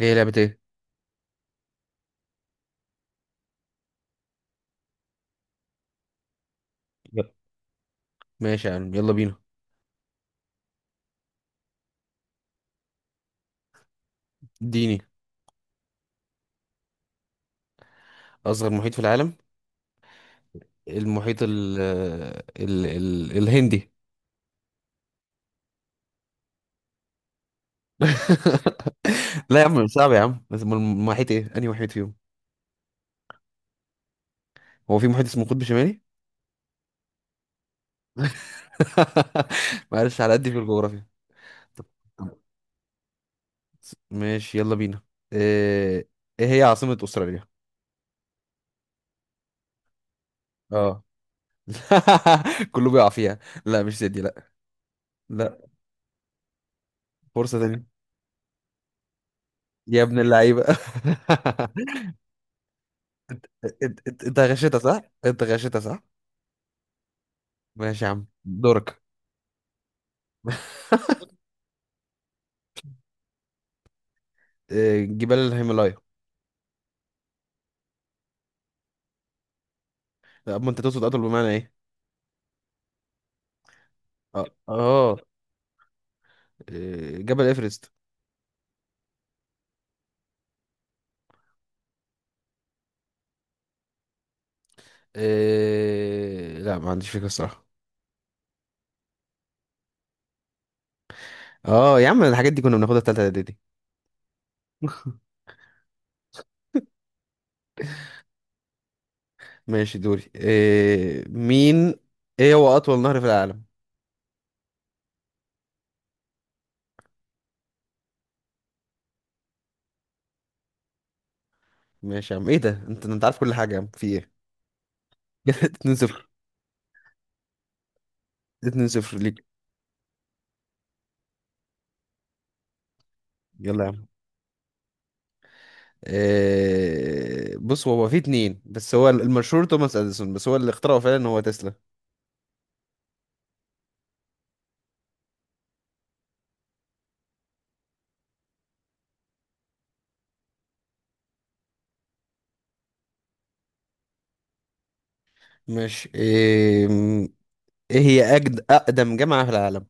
هي لعبة ايه؟ يلا. ماشي يا عم يلا بينا. اديني. أصغر محيط في العالم. المحيط ال ال ال الهندي لا يا عم، صعب يا عم، بس أمال المحيط ايه؟ أنهي محيط فيهم؟ هو في محيط اسمه قطب شمالي؟ معلش، على قد في الجغرافيا. طب. ماشي يلا بينا. ايه، إيه هي عاصمة أستراليا؟ اه. كله بيقع فيها. لا، مش سيدي، لا. لا، فرصة تانية. يا ابن اللعيبة. انت انت أنت غشيتها صح؟ غشيتها صح؟ ماشي يا عم، دورك. آه، جبال الهيمالايا. لا، اما انت تقصد اطول بمعنى ايه. اه اه. آه، جبل ايفرست. آه، لا ما عنديش فكره الصراحه. اه يا عم، الحاجات دي كنا بناخدها في تالتة اعدادي. ماشي، دوري. آه، مين. ايه هو اطول نهر في العالم. ماشي يا عم، ايه ده، انت عارف كل حاجه يا عم، في ايه. 2-0. 2-0 ليك. يلا يا عم. آه، بص، هو في اتنين بس هو المشهور توماس اديسون، بس هو اللي اخترعه فعلا هو تسلا. ماشي. إيه، ايه هي اقدم جامعه في العالم.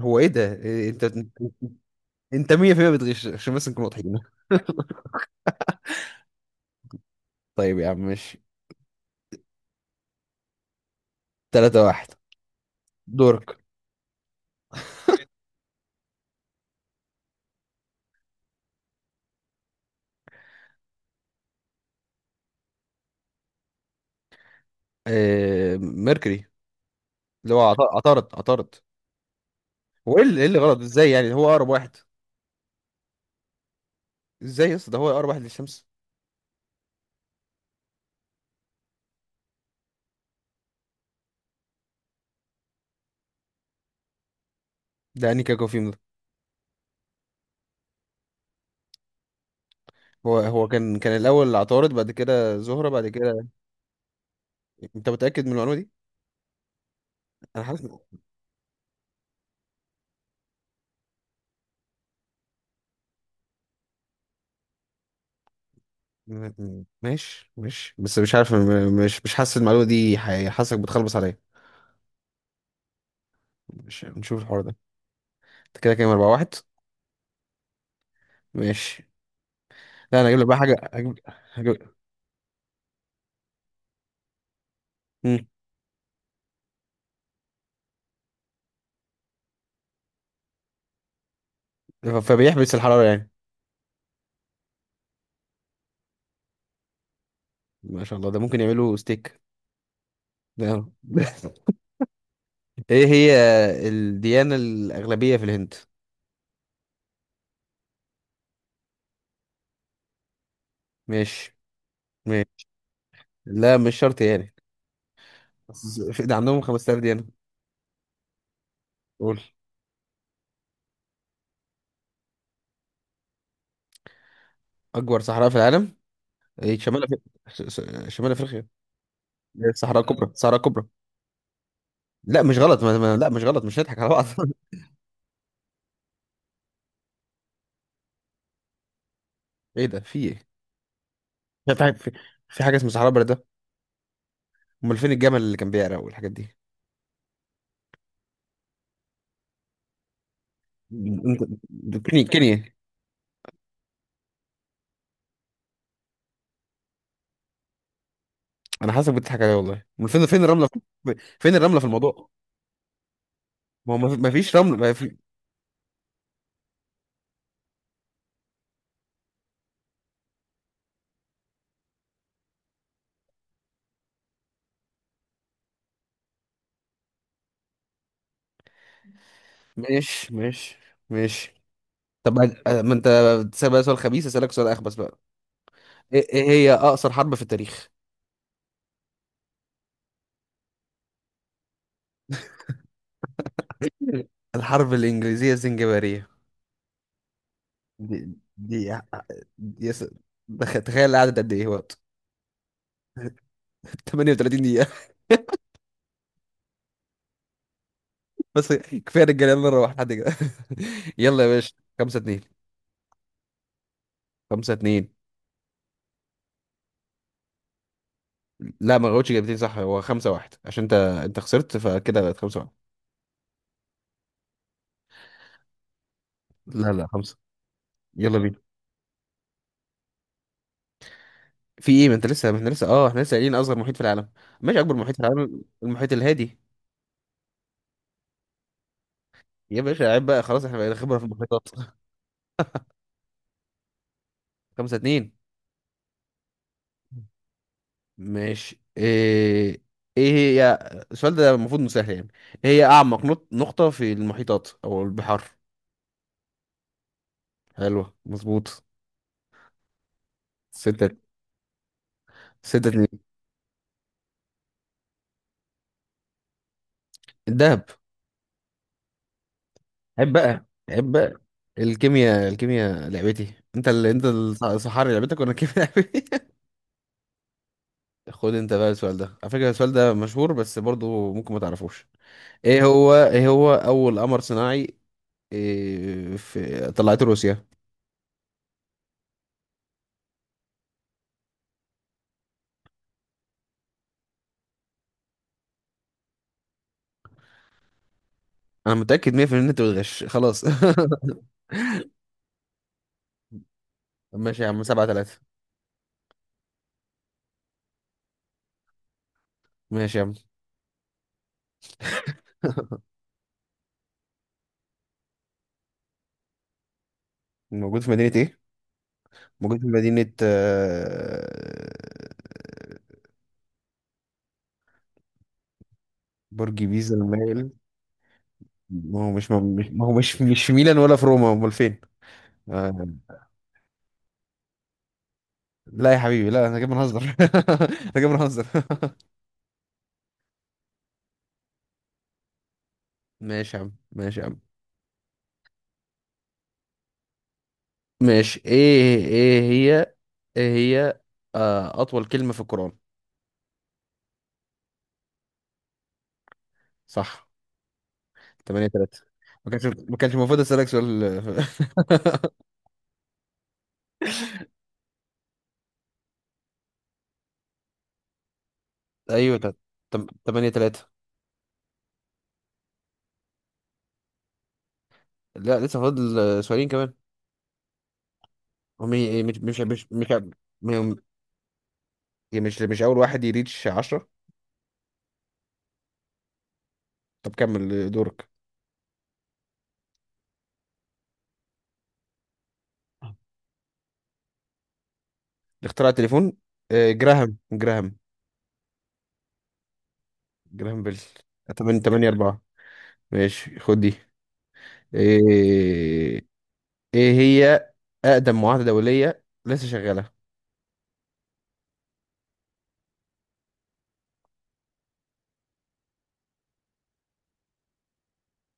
هو ايه ده، إيه انت. انت 100% بتغش، عشان بس نكون واضحين. طيب يا عم ماشي. 3 واحد. دورك. آه، ميركوري. اللي هو عطارد عطارد. هو ايه اللي، إيه اللي غلط ازاي يعني، هو اقرب واحد. ازاي يا اسطى، ده هو اقرب واحد للشمس. ده انهي كوكب فيهم ده. هو كان الاول عطارد، بعد كده زهره، بعد كده. انت متاكد من المعلومه دي. انا حاسس ماشي ماشي، بس مش عارف، مش حاسس المعلومه دي، حاسسك بتخلبص عليا. مش نشوف الحوار ده. انت كده كام، أربعة واحد. ماشي. لا أنا هجيب لك بقى حاجة، هجيب. مم. فبيحبس الحرارة يعني. ما شاء الله، ده ممكن يعملوا ستيك. ده. ايه هي الديانة الأغلبية في الهند. ماشي ماشي. لا، مش شرط يعني. بس ده عندهم 5000 ديانة. قول. أكبر صحراء في العالم. ايه، شمال أفريقيا، شمال أفريقيا. الصحراء الكبرى الصحراء الكبرى. لا مش غلط، ما... ما... لا مش غلط، مش هنضحك على بعض. ايه ده، في ايه. في في حاجة اسمها صحراء بلد ده. امال فين الجمل اللي كان بيعرق والحاجات دي. انت- كيني كيني. انا حاسس بتضحك عليا والله، من فين، فين الرمله. في... فين الرمله في الموضوع. ما هو ما فيش رمله، ما في... ماشي ماشي. طب ما ما انت بتسال بقى سؤال خبيث، اسالك سؤال اخبث بقى. ايه، إيه هي اقصر حرب في التاريخ. الحرب الانجليزيه الزنجباريه. دي. دي, دي... يس... تخيل قعدت قد ايه وقت. 38 دقيقه. بس كفايه رجاله، يلا نروح لحد كده. يلا يا باشا. 5-2. 5-2. لا ما جاوبتش اجابتين صح، هو خمسة واحد عشان انت، خسرت، فكده بقت خمسة واحد. لا لا، خمسة. يلا بينا. في ايه، ما انت لسه، ما احنا لسه، اه احنا لسه قايلين اصغر محيط في العالم. ماشي، اكبر محيط في العالم المحيط الهادي. يا باشا عيب بقى، خلاص احنا بقينا خبرة في المحيطات. خمسة اتنين. ماشي. ايه، ايه هي السؤال ده المفروض إنه سهل يعني. ايه هي اعمق نقطة في المحيطات او البحار. حلوة، مظبوط. ستة. ستة اتنين. الدهب. عيب بقى. الكيمياء، لعبتي، انت اللي انت. الصحاري لعبتك وانا الكيمياء لعبتي. خد انت بقى السؤال ده، على فكرة السؤال ده مشهور بس برضو ممكن ما تعرفوش. ايه هو اول قمر صناعي. إيه، في طلعته روسيا. انا متأكد 100% ان انت بتغش خلاص. ماشي يا عم. 7-3. ماشي يا عم. موجود في مدينة ايه. موجود في مدينة آه،. برج بيزا المايل. ما هو مش، ما هو مش، مش في ميلان ولا في روما، امال فين. آه،. لا يا حبيبي لا، انا جاي بنهزر. انا جاي بنهزر. ماشي يا عم. ماشي. ايه، ايه هي آه اطول كلمة في القرآن. صح. 8-3. ما كانش المفروض اسالك سؤال. ايوه تلاتة. 8-3. لا لسه فاضل آه، سؤالين كمان. هم إيه، مش مش مش مش م- مش اول واحد يريتش 10. طب كمل دورك. اختراع التليفون. آه، جراهام بيل. 8 8-4. ماشي خد دي. ايه، ايه هي اقدم معاهده دوليه لسه شغاله.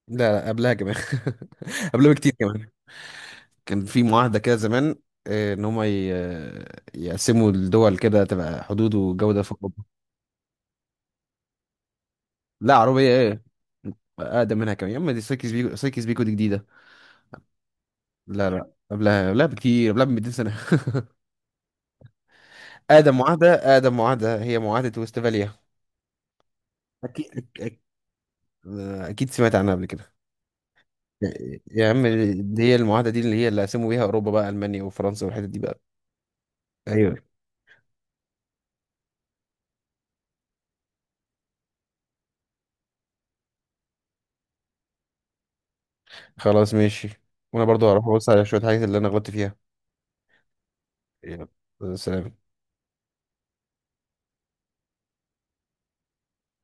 لا لا، قبلها كمان. قبلها بكتير كمان. كان في معاهده كده زمان. آه، يقسموا الدول كده تبقى حدود وجوده في اوروبا. لا، عربيه ايه. اقدم منها كمان، يا اما دي سايكس بيكو، دي جديده. لا لا قبلها، قبلها بكتير ب 200 سنه. اقدم معاهده هي معاهده وستفاليا. اكيد، اكيد سمعت عنها قبل كده. يا يا عم. دي هي المعاهدة دي اللي هي اللي قسموا بيها أوروبا بقى، ألمانيا وفرنسا والحتت دي بقى. ايوه. خلاص ماشي. وأنا برضو هروح أبص على شوية حاجات اللي أنا غلطت فيها. يلا. سلام.